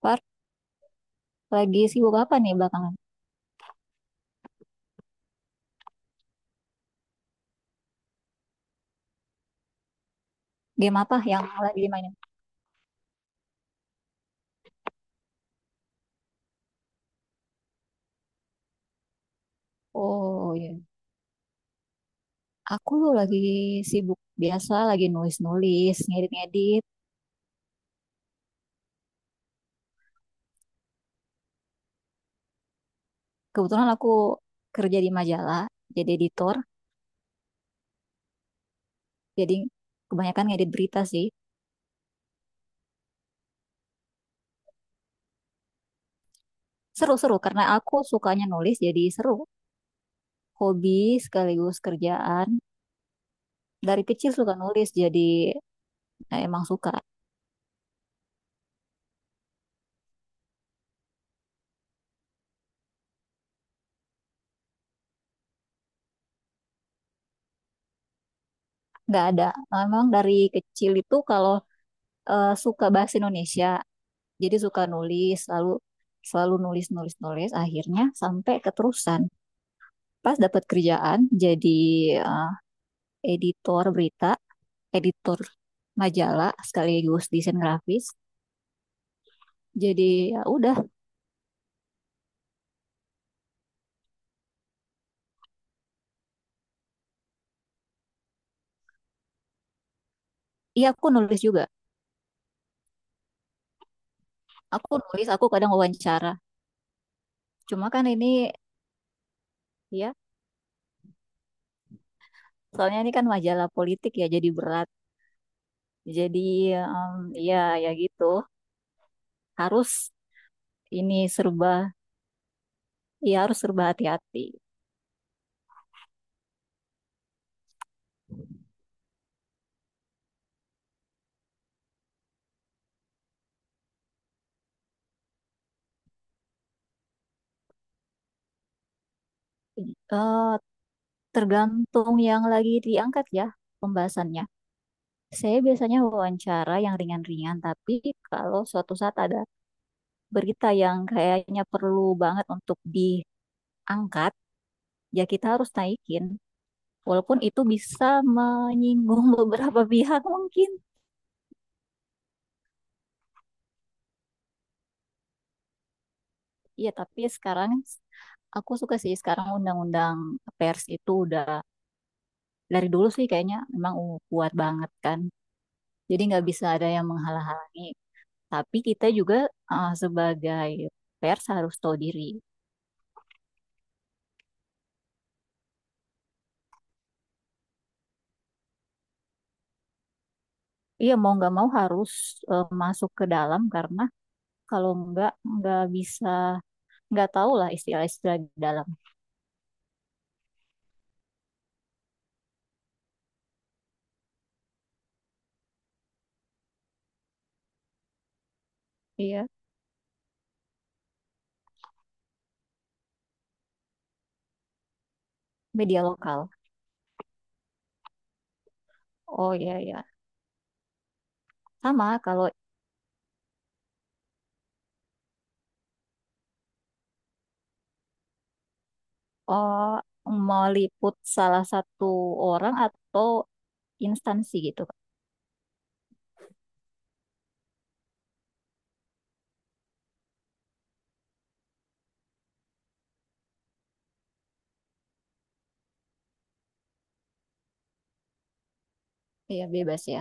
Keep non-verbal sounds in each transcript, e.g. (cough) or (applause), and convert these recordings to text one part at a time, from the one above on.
Par, lagi sibuk apa nih belakangan? Game apa yang lagi dimainin? Oh iya, aku lagi sibuk biasa, lagi nulis-nulis, ngedit-ngedit. Kebetulan aku kerja di majalah, jadi editor, jadi kebanyakan ngedit berita sih. Seru-seru, karena aku sukanya nulis, jadi seru. Hobi sekaligus kerjaan. Dari kecil suka nulis, jadi emang suka. Nggak ada. Memang dari kecil itu kalau suka bahasa Indonesia, jadi suka nulis, selalu selalu nulis nulis nulis. Akhirnya sampai keterusan. Pas dapat kerjaan jadi eh, editor berita, editor majalah sekaligus desain grafis. Jadi ya udah, iya aku nulis juga. Aku nulis, aku kadang wawancara. Cuma kan ini ya, soalnya ini kan majalah politik ya, jadi berat. Jadi em, ya ya gitu, harus ini serba, ya harus serba hati-hati. Eh, Tergantung yang lagi diangkat ya pembahasannya. Saya biasanya wawancara yang ringan-ringan, tapi kalau suatu saat ada berita yang kayaknya perlu banget untuk diangkat, ya kita harus naikin. Walaupun itu bisa menyinggung (laughs) beberapa pihak mungkin. Ya, tapi sekarang aku suka sih sekarang undang-undang pers itu udah dari dulu sih kayaknya memang kuat banget kan. Jadi nggak bisa ada yang menghalang-halangi. Tapi kita juga sebagai pers harus tahu diri. Iya mau nggak mau harus masuk ke dalam karena kalau nggak nggak bisa, nggak tahu lah istilah-istilah di dalam. Iya media lokal. Oh iya iya, sama kalau oh, mau liput salah satu orang atau instansi gitu. Iya bebas ya.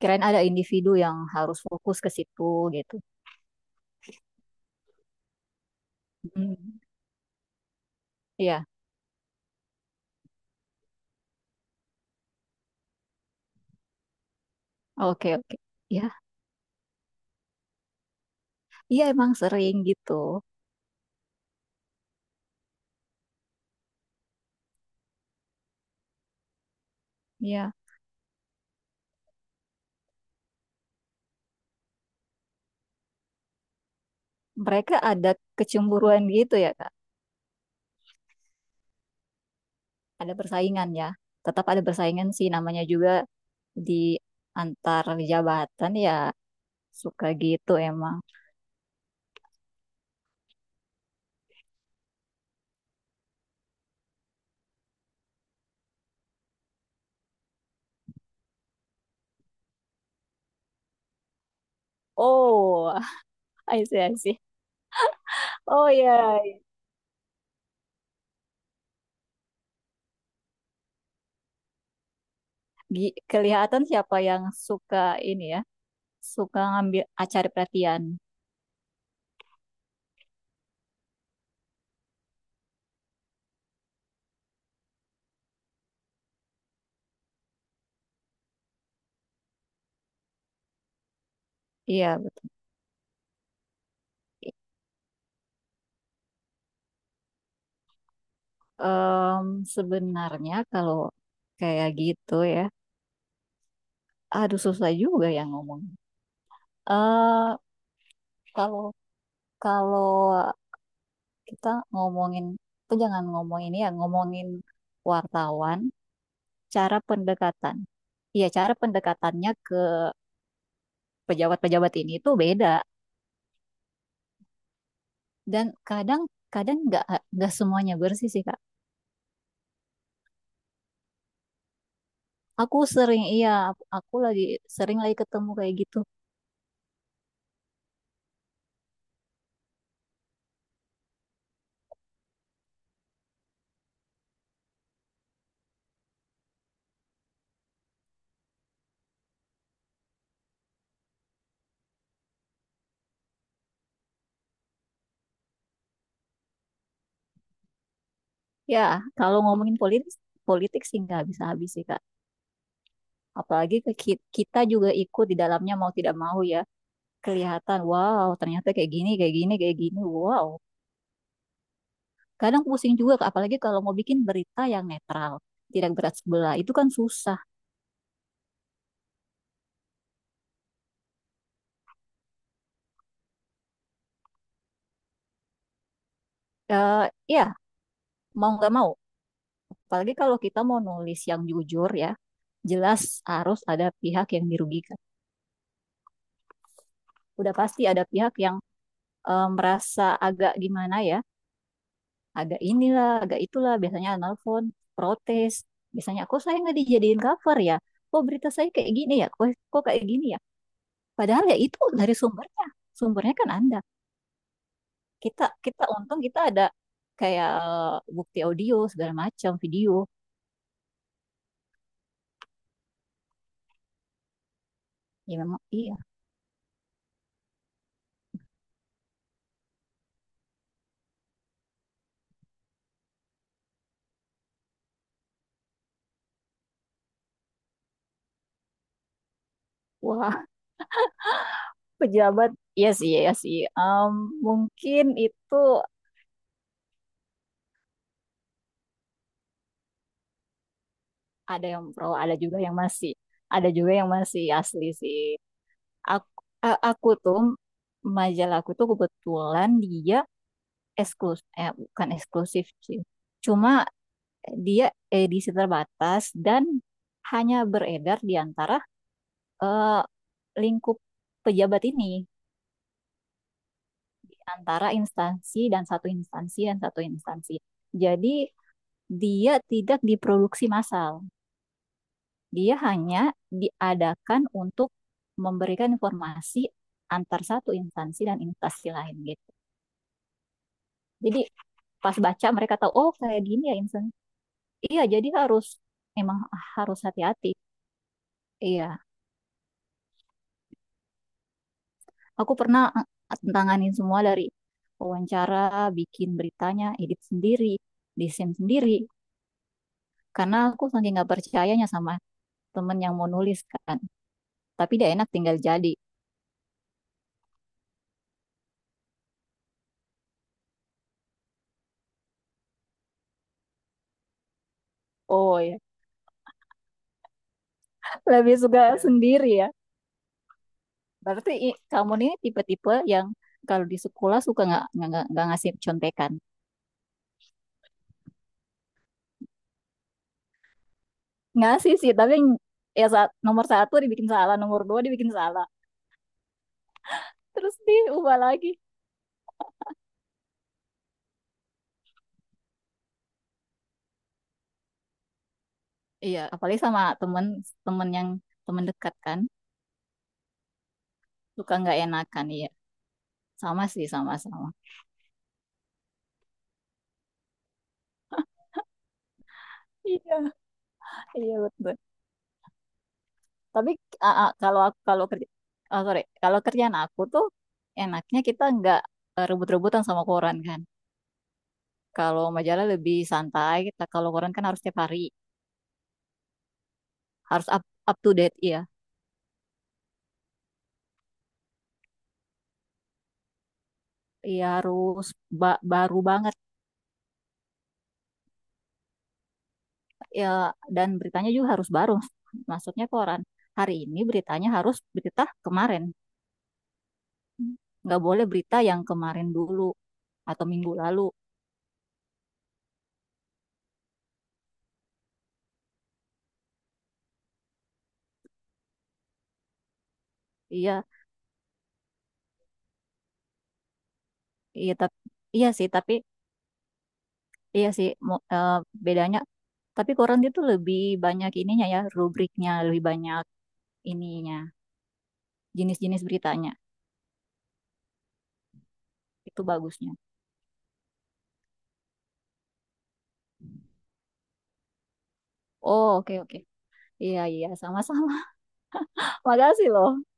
Kirain ada individu yang harus fokus ke situ gitu. Hmm, iya, oke, oke. Ya iya emang sering gitu. Iya mereka ada kecemburuan gitu ya Kak. Ada persaingan ya. Tetap ada persaingan sih namanya juga di antar jabatan ya suka gitu emang. Oh, (laughs) I see, I see. Oh ya, Gi- kelihatan siapa yang suka ini ya, suka ngambil acari perhatian. Iya, betul. Em, sebenarnya kalau kayak gitu ya, aduh susah juga yang ngomong. Eh, kalau kalau kita ngomongin tuh jangan ngomong ini ya ngomongin wartawan cara pendekatan iya cara pendekatannya ke pejabat-pejabat ini tuh beda dan kadang kadang nggak semuanya bersih sih kak aku sering iya aku lagi sering lagi ketemu kayak gitu ya kalau ngomongin politik politik sih nggak bisa habis sih kak apalagi ke ki- kita juga ikut di dalamnya mau tidak mau ya kelihatan wow ternyata kayak gini kayak gini kayak gini wow. Kadang pusing juga, Kak, apalagi kalau mau bikin berita yang netral, tidak berat sebelah, itu kan susah. Eh, ya, mau nggak mau. Apalagi kalau kita mau nulis yang jujur ya, jelas harus ada pihak yang dirugikan. Udah pasti ada pihak yang merasa agak gimana ya, agak inilah, agak itulah, biasanya nelfon, protes. Biasanya, kok saya nggak dijadiin cover ya? Kok berita saya kayak gini ya? Kok kayak gini ya? Padahal ya itu dari sumbernya. Sumbernya kan Anda, kita kita untung kita ada kayak bukti audio segala macam video ya memang iya wah (laughs) pejabat iya sih iya sih. Mungkin itu ada yang pro ada juga yang masih ada juga yang masih asli sih aku aku tuh majalah aku tuh kebetulan dia eksklusif bukan eksklusif sih cuma dia edisi terbatas dan hanya beredar di antara eh, lingkup pejabat ini di antara instansi dan satu instansi dan satu instansi. Jadi dia tidak diproduksi massal. Dia hanya diadakan untuk memberikan informasi antar satu instansi dan instansi lain gitu. Jadi pas baca mereka tahu oh kayak gini ya instansi. Iya, jadi harus memang harus hati-hati. Iya, aku pernah tanganin semua dari wawancara, bikin beritanya, edit sendiri, desain sendiri. Karena aku saking nggak percayanya sama temen yang mau nulis kan. Tapi dia enak tinggal jadi. Oh ya, lebih suka sendiri ya. Berarti kamu ini tipe-tipe yang kalau di sekolah suka ngasih contekan. Ngasih sih, tapi ya saat nomor satu dibikin salah, nomor dua dibikin salah. Terus diubah lagi. Iya, apalagi sama temen temen yang temen dekat kan. Suka nggak enakan, iya. Sama sih, sama-sama. Iya, iya betul. Tapi kalau aku kalau kerja oh, sorry, kalau kerjaan aku tuh enaknya kita nggak rebut-rebutan sama koran kan. Kalau majalah lebih santai, kita kalau koran kan harus tiap hari, harus up to date ya. Iya harus ba- baru banget ya dan beritanya juga harus baru. (laughs) Maksudnya koran. Hari ini beritanya harus berita kemarin. Nggak boleh berita yang kemarin dulu atau minggu lalu. Iya, iya tapi iya sih tapi iya sih, mo- eh, bedanya. Tapi koran itu lebih banyak ininya ya, rubriknya, lebih banyak ininya, jenis-jenis beritanya. Itu bagusnya. Oh, oke, oke. Iya, iya, sama-sama. (laughs) Makasih loh.